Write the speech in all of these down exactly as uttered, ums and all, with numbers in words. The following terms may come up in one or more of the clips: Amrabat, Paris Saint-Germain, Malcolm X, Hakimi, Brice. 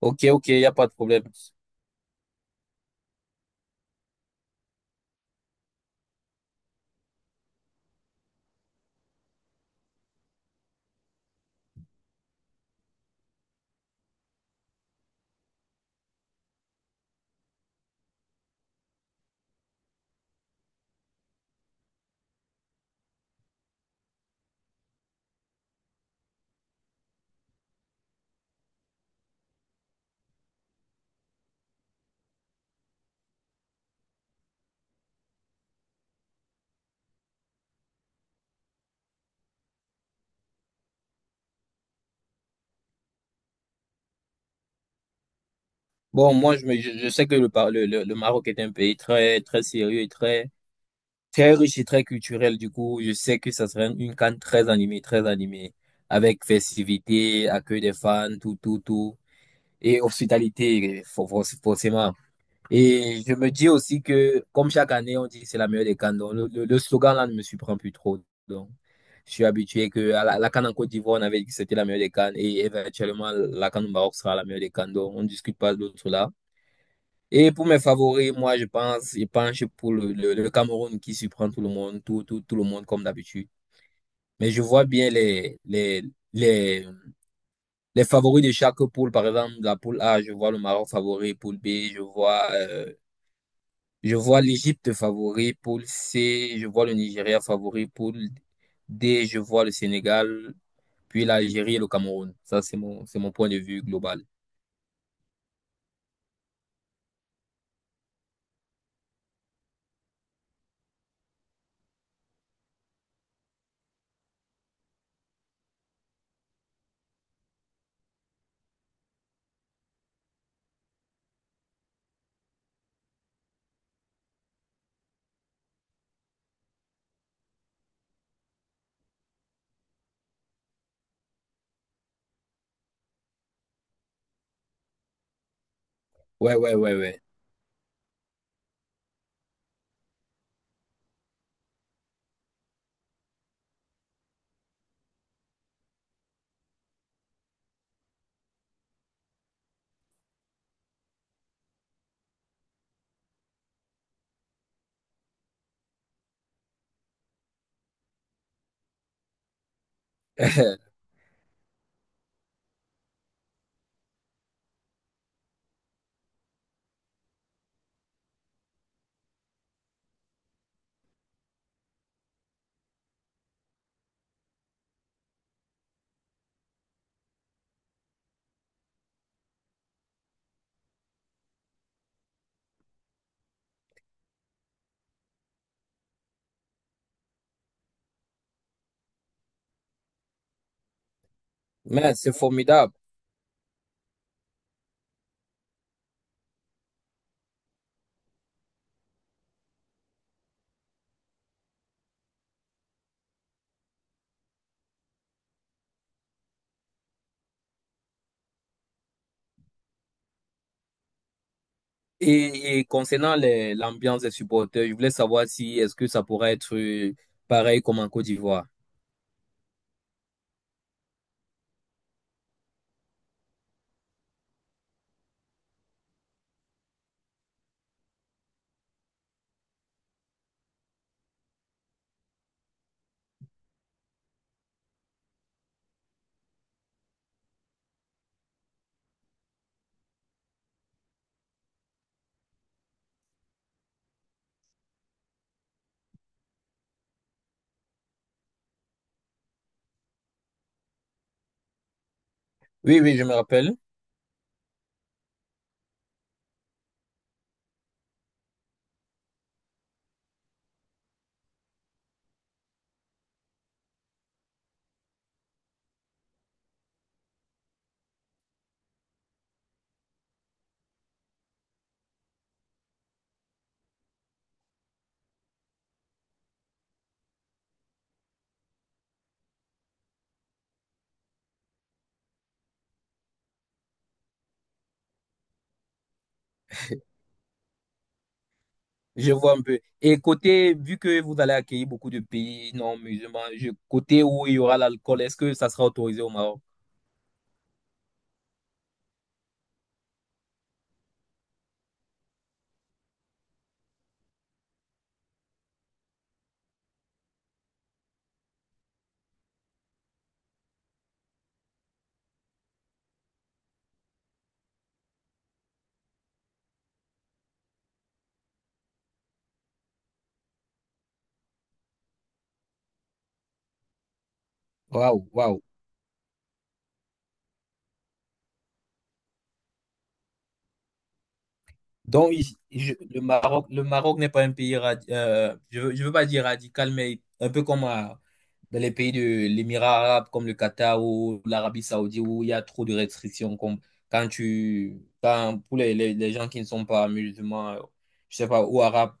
Ok, ok, il n'y a pas de problème. Bon, moi, je, me, je, je sais que le, Par- le, le, le Maroc est un pays très, très sérieux et très, très riche et très culturel. Du coup, je sais que ça serait une CAN très animée, très animée, avec festivité, accueil des fans, tout, tout, tout, et hospitalité, for- for- forcément. Et je me dis aussi que, comme chaque année, on dit que c'est la meilleure des CAN. Donc, le, le- le slogan là ne me surprend plus trop. Donc, je suis habitué que à la, la CAN en Côte d'Ivoire, on avait dit que c'était la meilleure des CAN. Et éventuellement, la CAN au Maroc sera la meilleure des CAN. Donc, on ne discute pas de l'autre là. Et pour mes favoris, moi, je pense, je penche pour le, le- le Cameroun qui surprend tout le monde, tout, tout, tout le monde comme d'habitude. Mais je vois bien les, les, les, les favoris de chaque poule. Par exemple, la poule A, je vois le Maroc favori, poule B, je vois. euh, je vois l'Égypte favori pour C, je vois le Nigeria favori pour D, je vois le Sénégal, puis l'Algérie et le Cameroun. Ça, c'est mon, c'est mon point de vue global. Ouais, ouais, ouais, ouais. Mais c'est formidable. Et, et concernant les- l'ambiance des supporters, je voulais savoir si est-ce que ça pourrait être euh, pareil comme en Côte d'Ivoire. Oui, oui, je me rappelle. Je vois un peu. Et côté, vu que vous allez accueillir beaucoup de pays non musulmans, je- côté où il y aura l'alcool, est-ce que ça sera autorisé au Maroc? Waouh, waouh. Donc, il- je- le Maroc, le Maroc n'est pas un pays, radi- euh, je veux, je veux pas dire radical, mais un peu comme euh, dans les pays de l'Émirat arabe, comme le Qatar ou l'Arabie saoudite, où il y a trop de restrictions, comme quand tu, quand, pour les, les, les gens qui ne sont pas musulmans, euh, je sais pas, ou arabes.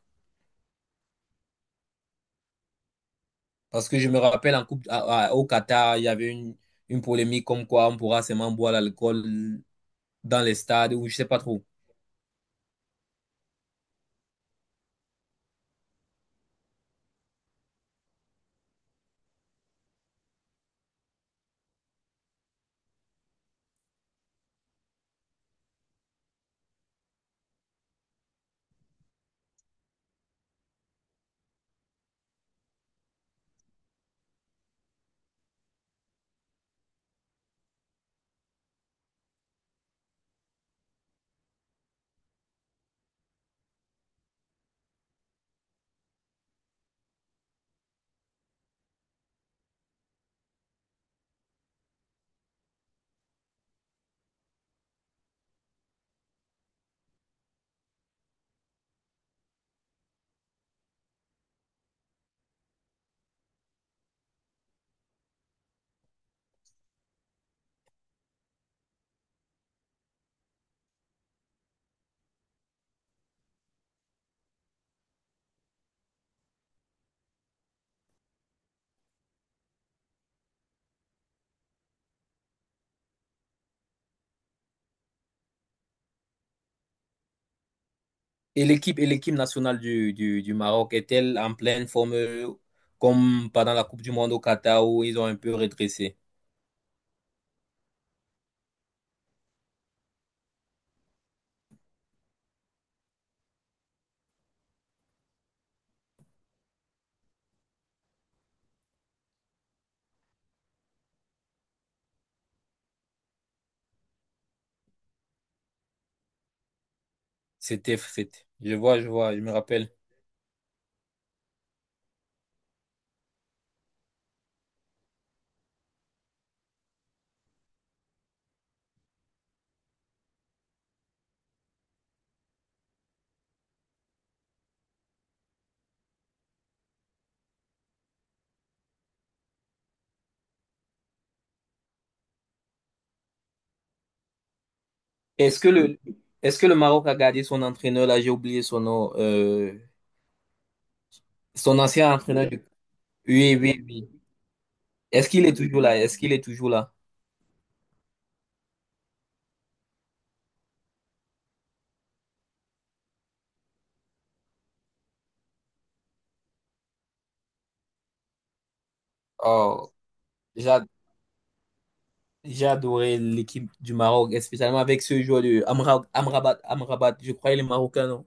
Parce que je me rappelle en coupe, à- à- au Qatar, il y avait une, une polémique comme quoi on pourra seulement boire l'alcool dans les stades, ou je sais pas trop. Et l'équipe et l'équipe nationale du, du, du Maroc est-elle en pleine forme euh, comme pendant la Coupe du Monde au Qatar où ils ont un peu redressé? C'était, c'était. Je vois, je vois, je me rappelle. Est-ce que le est-ce que le Maroc a gardé son entraîneur là? J'ai oublié son nom. Euh, son ancien entraîneur du. Oui, oui, oui. Est-ce qu'il est toujours là? Est-ce qu'il est toujours là? Oh, j'a- j'ai adoré l'équipe du Maroc, et spécialement avec ce joueur de Amra- Amrabat, Amrabat. Je crois qu'il est marocain, non?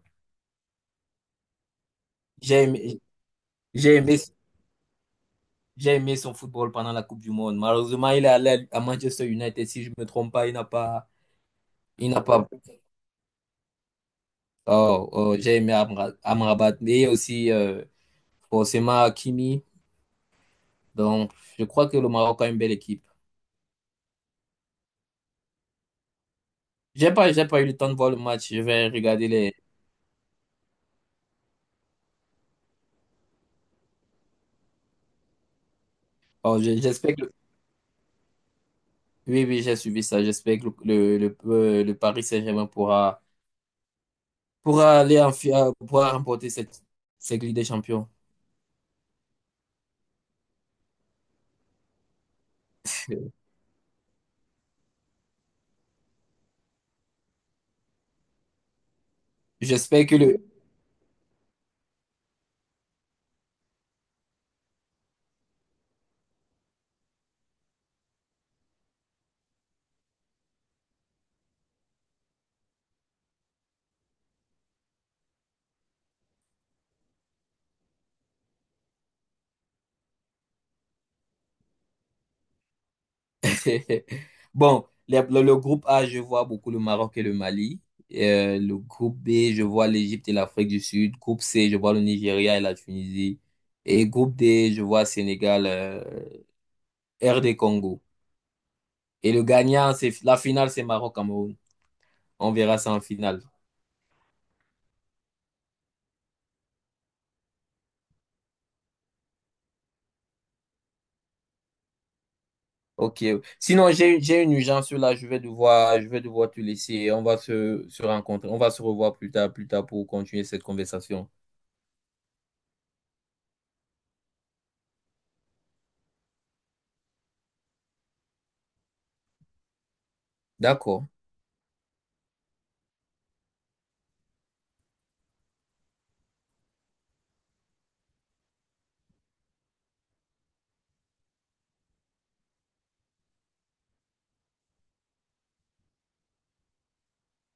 J'ai aimé, j'ai aimé. J'ai aimé son football pendant la Coupe du Monde. Malheureusement, il est allé à Manchester United, si je ne me trompe pas. Il n'a pas. Il n'a pas. Oh, oh, j'ai aimé Amra- Amrabat. Et aussi, euh, forcément, Hakimi. Donc, je crois que le Maroc a une belle équipe. J'ai pas, j'ai pas eu le temps de voir le match. Je vais regarder les. Oh, je- j'espère que. Oui, oui, j'ai suivi ça. J'espère que le, le, le, euh, le Paris Saint-Germain pourra, pourra aller en, fi- euh, pourra remporter cette, cette Ligue des Champions. J'espère que le, Bon, les- le, le groupe A, je vois beaucoup le Maroc et le Mali. Euh, le groupe B, je vois l'Égypte et l'Afrique du Sud. Groupe C, je vois le Nigeria et la Tunisie. Et groupe D, je vois Sénégal, euh, R D Congo. Et le gagnant, c'est la finale, c'est Maroc-Cameroun. On verra ça en finale. Ok. Sinon, j'ai j'ai une urgence là. Je vais devoir, je vais devoir te laisser. On va se, se rencontrer. On va se revoir plus tard, plus tard pour continuer cette conversation. D'accord.